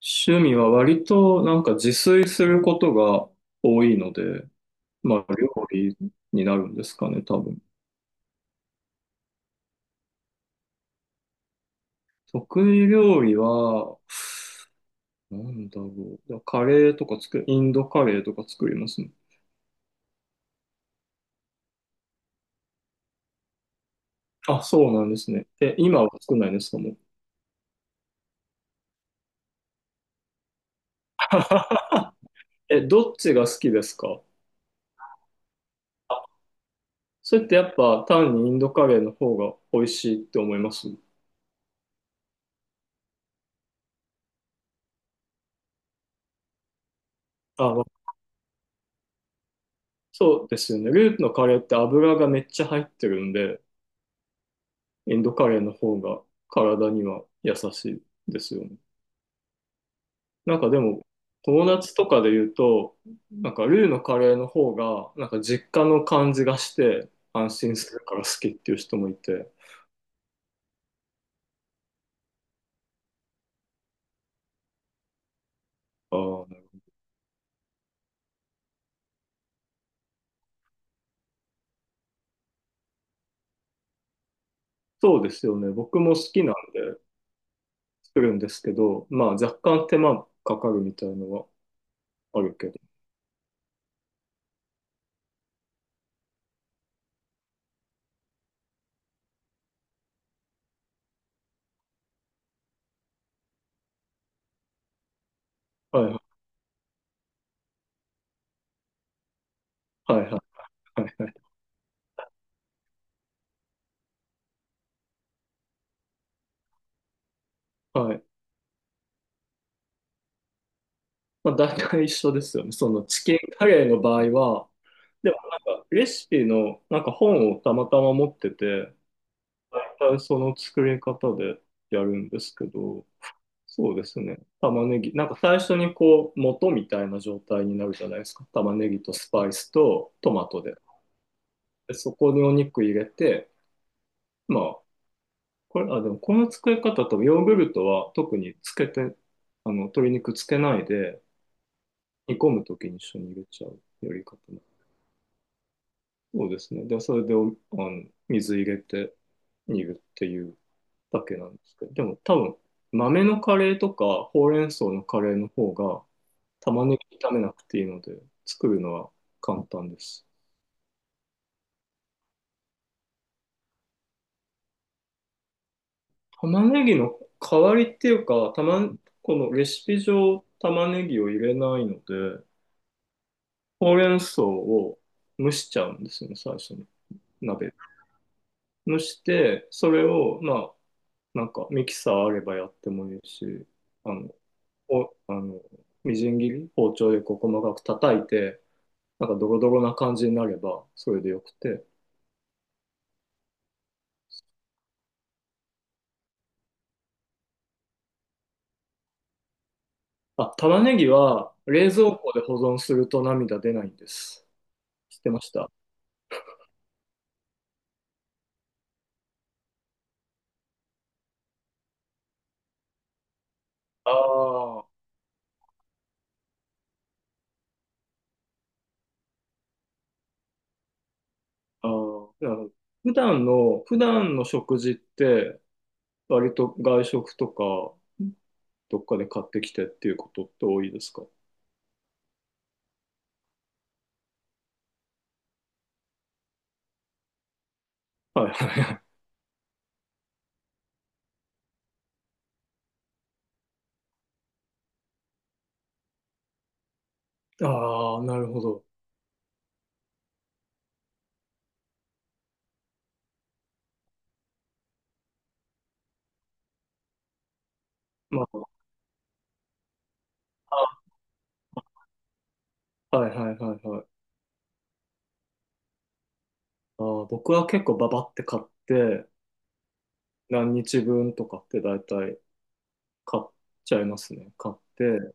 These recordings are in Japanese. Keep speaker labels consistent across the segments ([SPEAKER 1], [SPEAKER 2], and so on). [SPEAKER 1] 趣味は割となんか自炊することが多いので、まあ料理になるんですかね、多分。得意料理は、なんだろう。カレーとか作る、インドカレーとか作りますね。あ、そうなんですね。え、今は作んないんですか、もう。え、どっちが好きですか？それってやっぱ単にインドカレーの方が美味しいって思います？あ、そうですよね。ルーのカレーって油がめっちゃ入ってるんで、インドカレーの方が体には優しいですよね。なんかでも、友達とかで言うと、なんかルーのカレーの方が、なんか実家の感じがして、安心するから好きっていう人もいて、あー、そうですよね。僕も好きなんで作るんですけど、まあ若干手間かかるみたいのはあるけど。はいはいはいはいはい。はい、まあ、大体一緒ですよね。そのチキンカレーの場合は、でもなんかレシピのなんか本をたまたま持ってて、大体その作り方でやるんですけど、そうですね。玉ねぎ、なんか最初にこう、元みたいな状態になるじゃないですか。玉ねぎとスパイスとトマトで。で、そこにお肉入れて、まあ、これ、あ、でもこの作り方とヨーグルトは特につけて、あの、鶏肉つけないで煮込むときに一緒に入れちゃうやり方。そうですね。で、それであの水入れて煮るっていうだけなんですけど、でも多分豆のカレーとかほうれん草のカレーの方が玉ねぎ炒めなくていいので作るのは簡単です。玉ねぎの代わりっていうか、このレシピ上玉ねぎを入れないので、ほうれん草を蒸しちゃうんですよね、最初に。鍋。蒸して、それを、まあ、なんかミキサーあればやってもいいし、あの、こう、あの、みじん切り、包丁でこう細かく叩いて、なんかドロドロな感じになれば、それでよくて。あ、玉ねぎは冷蔵庫で保存すると涙出ないんです。知ってました？ああ、ああ、なるほど。普段の食事って、割と外食とか、どっかで買ってきてっていうことって多いですか？はいはい。ああ、なるほど。まあ、あ、はいはいはいはい。ああ、僕は結構ババって買って、何日分とかって大体買っちゃいますね。買って、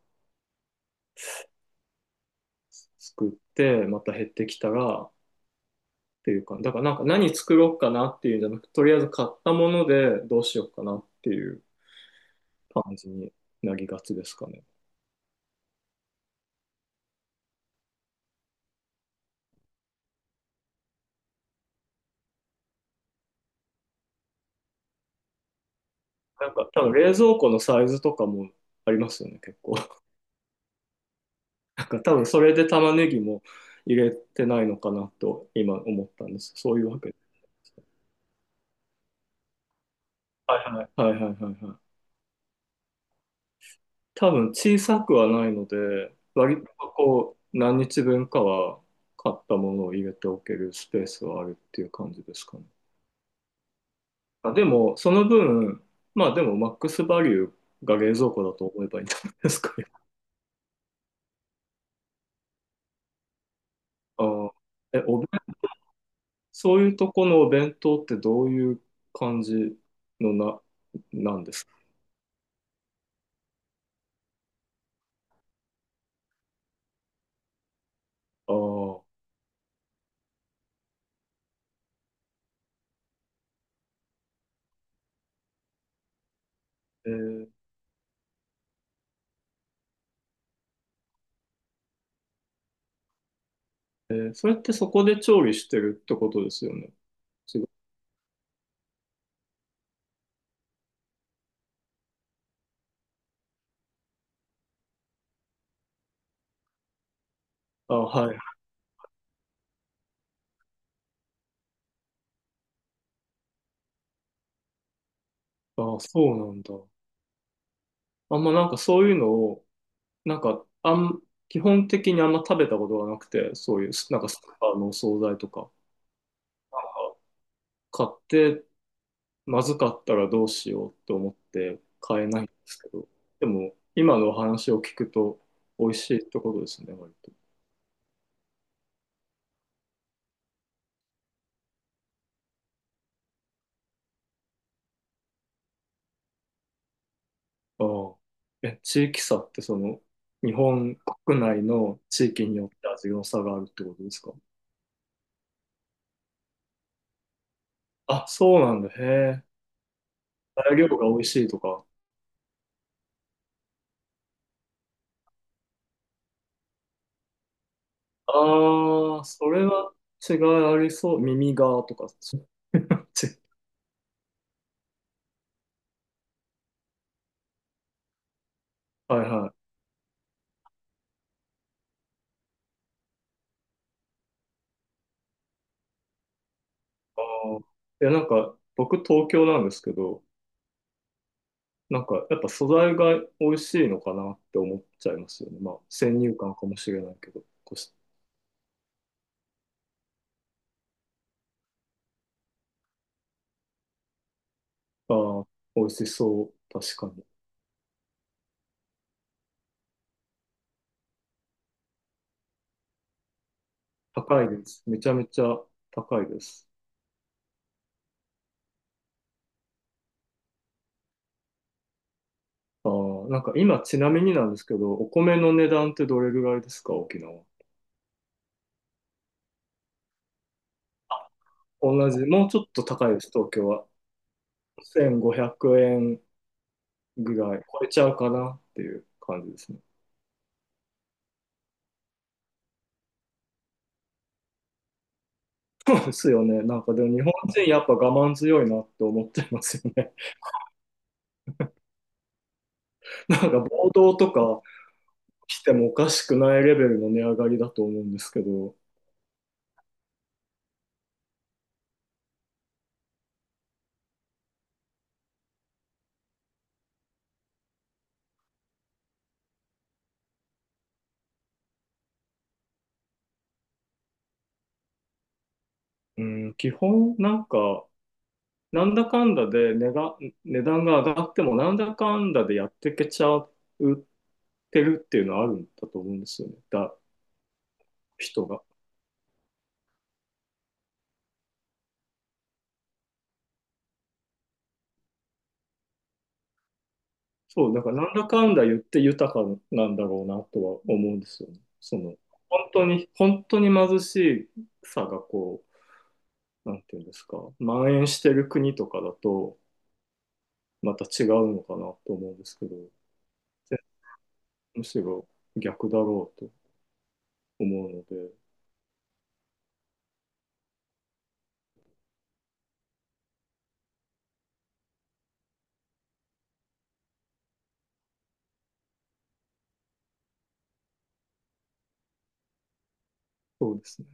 [SPEAKER 1] 作って、また減ってきたらっていうか、だからなんか何作ろうかなっていうんじゃなくて、とりあえず買ったものでどうしようかなっていう感じになりがちですかね。なんか多分冷蔵庫のサイズとかもありますよね、結構。なんか多分それで玉ねぎも入れてないのかなと今思ったんです。そういうわけです。はいはい。はいはいはいはい。多分小さくはないので、割とこう、何日分かは買ったものを入れておけるスペースはあるっていう感じですかね。あ、でも、その分、まあでも、マックスバリューが冷蔵庫だと思えばいいんじゃないですかね。あー、え、そういうとこのお弁当ってどういう感じのなんですか？ああー、えーそれってそこで調理してるってことですよね。違う。あ、はい。あ、そうなんだ。あんまなんかそういうのをなんか、基本的にあんま食べたことがなくて、そういう、なんかスーパーのお惣菜とか買って、まずかったらどうしようと思って買えないんですけど、でも、今のお話を聞くと、美味しいってことですね、割と。ああ。え、地域差ってその、日本国内の地域によって味の差があるってことですか？あ、そうなんだ。へえ。材料が美味しいとか。ああ、それは違いありそう。耳がとか、違はいはい。あー、いや、なんか、僕東京なんですけど、なんか、やっぱ素材が美味しいのかなって思っちゃいますよね。まあ、先入観かもしれないけど。あー、美味しそう。確かに。高いです。めちゃめちゃ高いです。あー、なんか今、ちなみになんですけど、お米の値段ってどれぐらいですか、沖縄。同じ、もうちょっと高いです、東京は。1500円ぐらい超えちゃうかなっていう感じですね。ですよね。なんかでも日本人やっぱ我慢強いなって思ってますよね。なんか暴動とか来てもおかしくないレベルの値上がりだと思うんですけど、うん、基本なんか、なんだかんだで値が、値段が上がってもなんだかんだでやってけちゃってるっていうのはあるんだと思うんですよね。人が。そう、だからなんだかんだ言って豊かなんだろうなとは思うんですよね。その、本当に、本当に貧しさがこう、なんていうんですか、蔓延してる国とかだと、また違うのかなと思うんですけど、むしろ逆だろうと思うので、そうですね。